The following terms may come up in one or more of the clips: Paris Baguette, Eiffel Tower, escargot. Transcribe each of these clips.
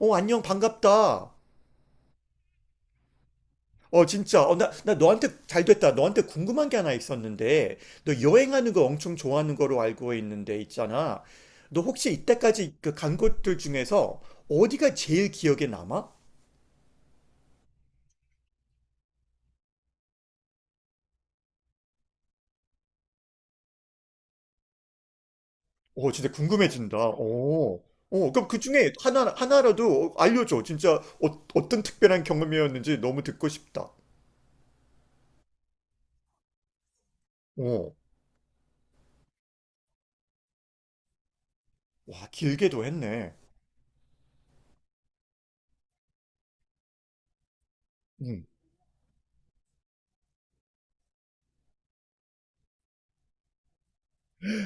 어, 안녕, 반갑다. 어, 진짜. 어, 나 너한테 잘 됐다. 너한테 궁금한 게 하나 있었는데, 너 여행하는 거 엄청 좋아하는 거로 알고 있는데, 있잖아. 너 혹시 이때까지 그 간 곳들 중에서 어디가 제일 기억에 남아? 어, 진짜 궁금해진다. 어. 어, 그럼 그 중에 하나라도 알려줘. 진짜 어떤 특별한 경험이었는지 너무 듣고 싶다. 어. 와, 길게도 했네. 음.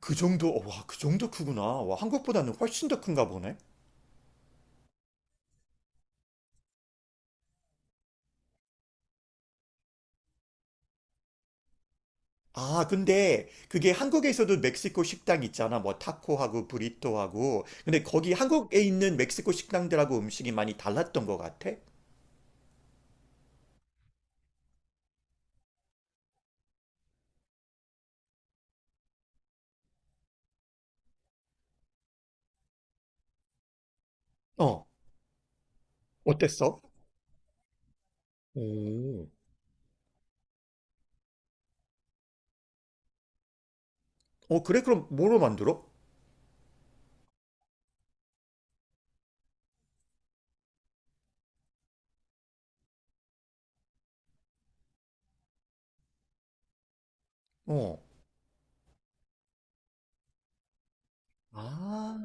그 정도, 어, 와, 그 정도 크구나. 와, 한국보다는 훨씬 더 큰가 보네. 아, 근데 그게 한국에서도 멕시코 식당 있잖아. 뭐 타코하고 브리또하고. 근데 거기 한국에 있는 멕시코 식당들하고 음식이 많이 달랐던 것 같아? 어, 어땠어? 오, 어, 그래? 그럼 뭐로 만들어? 어. 아,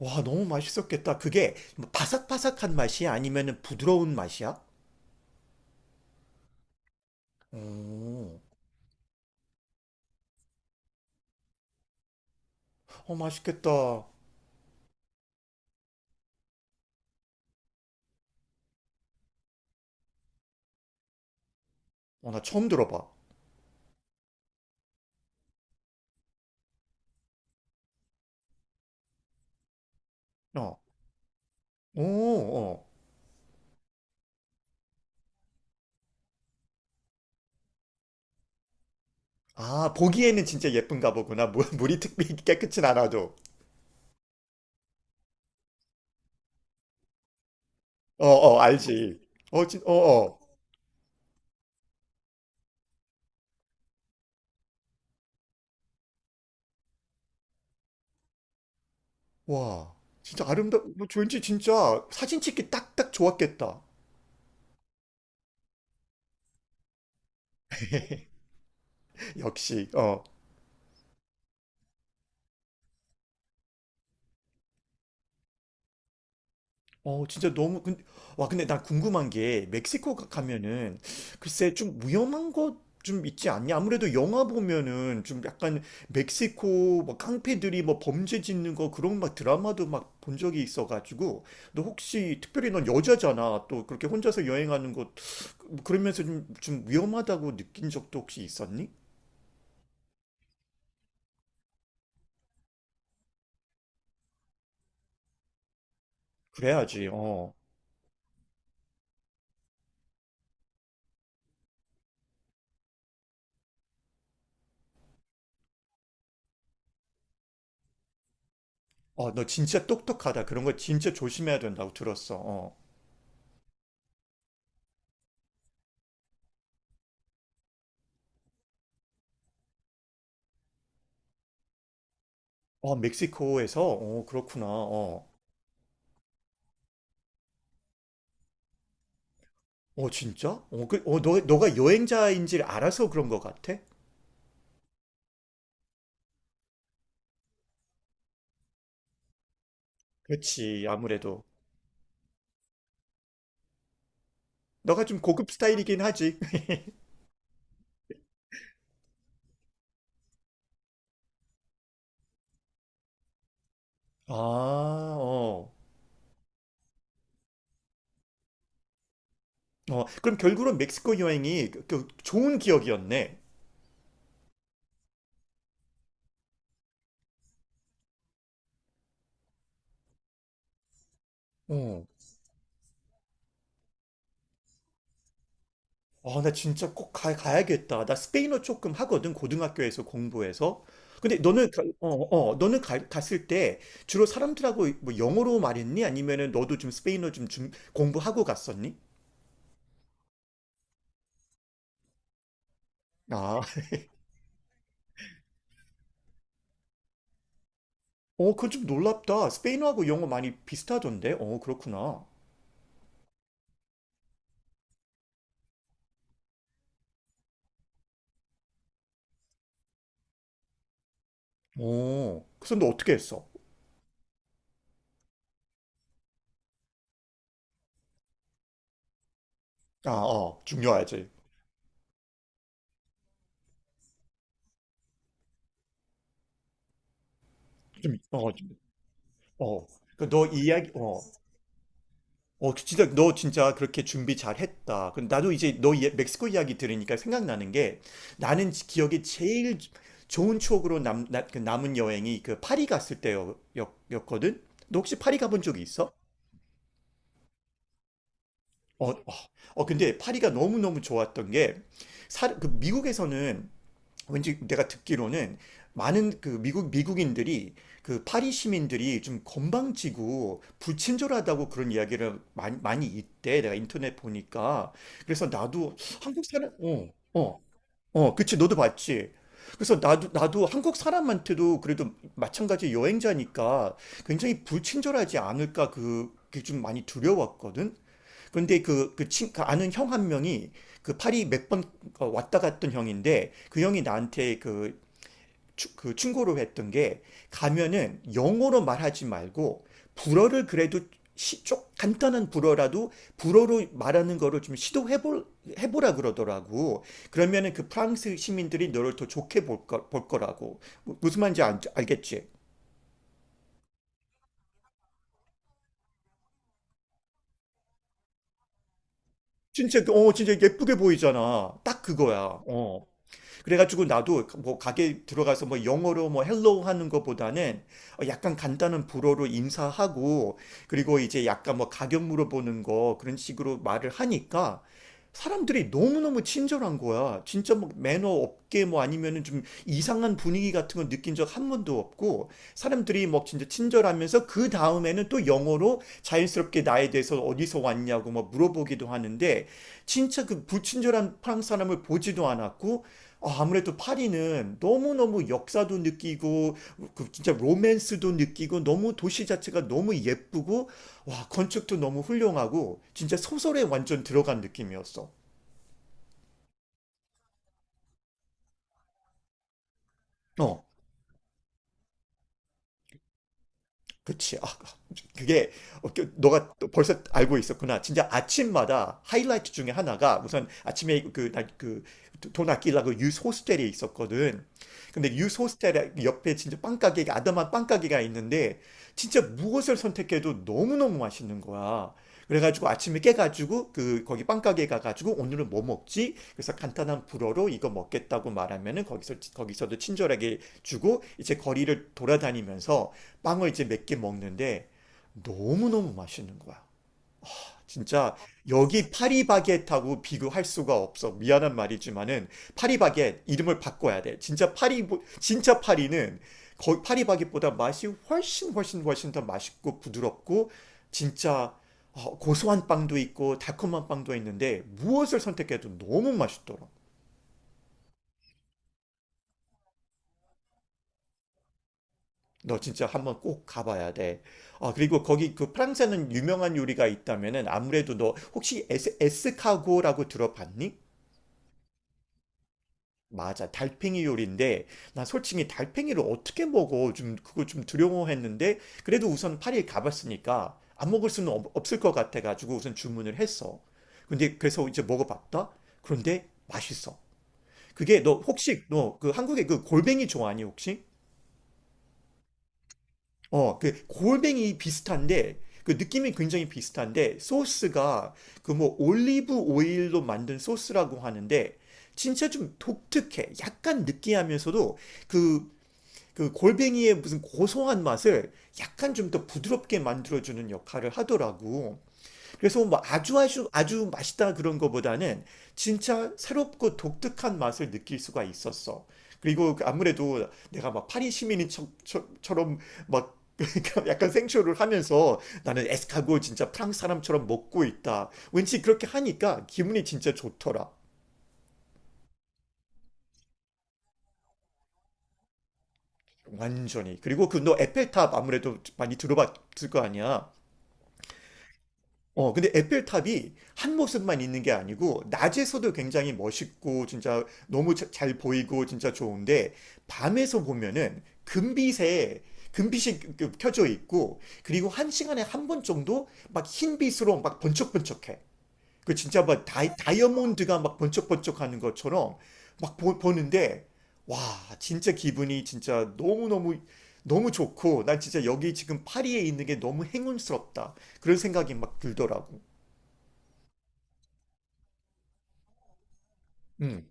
와, 너무 맛있었겠다. 그게 뭐 바삭바삭한 맛이야? 아니면은 부드러운 맛이야? 오, 어, 맛있겠다. 어, 나 처음 들어봐. 어, 오, 어. 아, 보기에는 진짜 예쁜가 보구나. 물이 특별히 깨끗진 않아도. 어, 어, 알지. 어, 어, 어. 와, 왠지 진짜 사진 찍기 딱딱 좋았겠다. 역시, 어. 어, 진짜 너무, 근 와, 근데 나 궁금한 게, 멕시코 가면은, 글쎄, 좀 위험한 것 좀 있지 않냐? 아무래도 영화 보면은, 좀 약간, 멕시코, 뭐, 깡패들이 뭐, 범죄 짓는 거, 그런 막 드라마도 막 본 적이 있어가지고, 너 혹시, 특별히 넌 여자잖아. 또, 그렇게 혼자서 여행하는 것, 그러면서 좀, 좀 위험하다고 느낀 적도 혹시 있었니? 그래야지, 어. 어, 너 진짜 똑똑하다. 그런 거 진짜 조심해야 된다고 들었어, 어. 어, 멕시코에서? 어, 그렇구나, 어. 어, 진짜? 너가 여행자인지를 알아서 그런 것 같아? 그렇지, 아무래도. 너가 좀 고급 스타일이긴 하지. 아, 어. 어, 그럼 결국은 멕시코 여행이 그 좋은 기억이었네. 어. 아, 나 진짜 꼭 가야겠다. 나 스페인어 조금 하거든, 고등학교에서 공부해서. 근데 너는, 갔을 때 주로 사람들하고 뭐 영어로 말했니? 아니면은 너도 좀 스페인어 좀 공부하고 갔었니? 아, 어, 그건 좀 놀랍다. 스페인어하고 영어 많이 비슷하던데? 어, 그렇구나. 어, 그래서 너 어떻게 했어? 아, 어, 중요하지. 좀, 어, 좀, 어. 그 너 이야기, 어, 그 진짜, 너 진짜 그렇게 준비 잘 했다. 그럼 나도 이제 너 멕시코 이야기 들으니까 생각나는 게 나는 기억에 제일 좋은 추억으로 그 남은 여행이 그 파리 갔을 때였거든? 너 혹시 파리 가본 적이 있어? 어, 어, 근데 파리가 너무너무 좋았던 게, 그 미국에서는 왠지 내가 듣기로는 많은 그 미국인들이 그 파리 시민들이 좀 건방지고 불친절하다고 그런 이야기를 많이 많이 있대. 내가 인터넷 보니까. 그래서 나도 한국 사람 어, 어, 어, 그치. 너도 봤지. 그래서 나도 한국 사람한테도 그래도 마찬가지 여행자니까 굉장히 불친절하지 않을까 그게 좀 많이 두려웠거든. 근데 그 아는 형 한 명이 그 파리 몇번 어, 왔다 갔던 형인데 그 형이 나한테 그 충고를 했던 게 가면은 영어로 말하지 말고 불어를 그래도 좀 간단한 불어라도 불어로 말하는 거를 좀 해보라 그러더라고. 그러면은 그 프랑스 시민들이 너를 더 좋게 볼 거라고. 무슨 말인지 알겠지? 진짜, 어, 진짜 예쁘게 보이잖아. 딱 그거야. 어. 그래가지고 나도 뭐 가게 들어가서 뭐 영어로 뭐 헬로우 하는 것보다는 어, 약간 간단한 불어로 인사하고 그리고 이제 약간 뭐 가격 물어보는 거 그런 식으로 말을 하니까 사람들이 너무너무 친절한 거야. 진짜 뭐 매너 없게 뭐 아니면은 좀 이상한 분위기 같은 거 느낀 적 한 번도 없고 사람들이 뭐 진짜 친절하면서 그 다음에는 또 영어로 자연스럽게 나에 대해서 어디서 왔냐고 뭐 물어보기도 하는데 진짜 그 불친절한 프랑스 사람을 보지도 않았고 아, 무래도 파리는 너무너무 역사도 느끼고, 그 진짜 로맨스도 느끼고, 너무 도시 자체가 너무 예쁘고, 와, 건축도 너무 훌륭하고, 진짜 소설에 완전 들어간 느낌이었어. 어. 그치. 아, 그게 너가 벌써 알고 있었구나. 진짜 아침마다 하이라이트 중에 하나가 우선 아침에 그그돈 아끼려고 유스 호스텔에 있었거든. 근데 유스 호스텔 옆에 진짜 빵 가게가 아담한 빵 가게가 있는데 진짜 무엇을 선택해도 너무너무 맛있는 거야. 그래가지고 아침에 깨가지고 그 거기 빵 가게 가가지고 오늘은 뭐 먹지? 그래서 간단한 불어로 이거 먹겠다고 말하면은 거기서도 친절하게 주고 이제 거리를 돌아다니면서 빵을 이제 몇 개 먹는데 너무너무 맛있는 거야. 진짜 여기 파리바게트하고 비교할 수가 없어. 미안한 말이지만은 파리바게트 이름을 바꿔야 돼. 진짜 파리는 거의 파리바게트보다 맛이 훨씬 훨씬 훨씬 더 맛있고 부드럽고 진짜 어, 고소한 빵도 있고 달콤한 빵도 있는데 무엇을 선택해도 너무 맛있더라. 너 진짜 한번 꼭 가봐야 돼. 아, 그리고 거기 그 프랑스에는 유명한 요리가 있다면은 아무래도 너 혹시 에스카고라고 들어봤니? 맞아. 달팽이 요리인데 나 솔직히 달팽이를 어떻게 먹어? 좀 그거 좀 두려워했는데 그래도 우선 파리에 가봤으니까 안 먹을 수는 없을 것 같아 가지고 우선 주문을 했어. 근데 그래서 이제 먹어봤다. 그런데 맛있어. 그게 너 혹시 너 그 한국의 그 골뱅이 좋아하니 혹시? 어, 그 골뱅이 비슷한데 그 느낌이 굉장히 비슷한데 소스가 그 뭐 올리브 오일로 만든 소스라고 하는데 진짜 좀 독특해. 약간 느끼하면서도 그 그 골뱅이의 무슨 고소한 맛을 약간 좀 더 부드럽게 만들어주는 역할을 하더라고. 그래서 뭐 아주 아주 아주 맛있다 그런 거보다는 진짜 새롭고 독특한 맛을 느낄 수가 있었어. 그리고 아무래도 내가 막 파리 시민인 처럼 막 약간 생쇼를 하면서 나는 에스카고 진짜 프랑스 사람처럼 먹고 있다. 왠지 그렇게 하니까 기분이 진짜 좋더라. 완전히. 그리고 그 너 에펠탑 아무래도 많이 들어봤을 거 아니야. 어, 근데 에펠탑이 한 모습만 있는 게 아니고, 낮에서도 굉장히 멋있고, 진짜 너무 잘 보이고, 진짜 좋은데, 밤에서 보면은 금빛이 그 켜져 있고, 그리고 한 시간에 한 번 정도 막 흰빛으로 막 번쩍번쩍해. 그 진짜 막 다이아몬드가 막 번쩍번쩍 하는 것처럼 막 보는데, 와, 진짜 기분이 진짜 너무너무, 너무 좋고, 난 진짜 여기 지금 파리에 있는 게 너무 행운스럽다. 그런 생각이 막 들더라고. 음,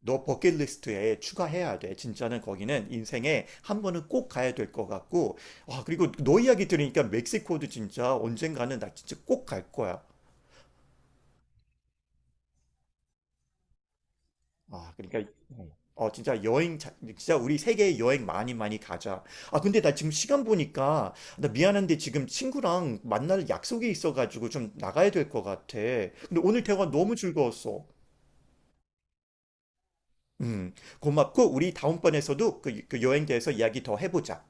너 버킷리스트에 추가해야 돼. 진짜는 거기는 인생에 한 번은 꼭 가야 될 것 같고. 아, 그리고 너 이야기 들으니까 멕시코도 진짜 언젠가는 나 진짜 꼭 갈 거야. 아, 그러니까 어, 진짜 진짜 우리 세계 여행 많이 많이 가자. 아, 근데 나 지금 시간 보니까 나 미안한데 지금 친구랑 만날 약속이 있어가지고 좀 나가야 될 것 같아. 근데 오늘 대화 너무 즐거웠어. 음, 고맙고 우리 다음번에서도 그 여행 대해서 이야기 더 해보자.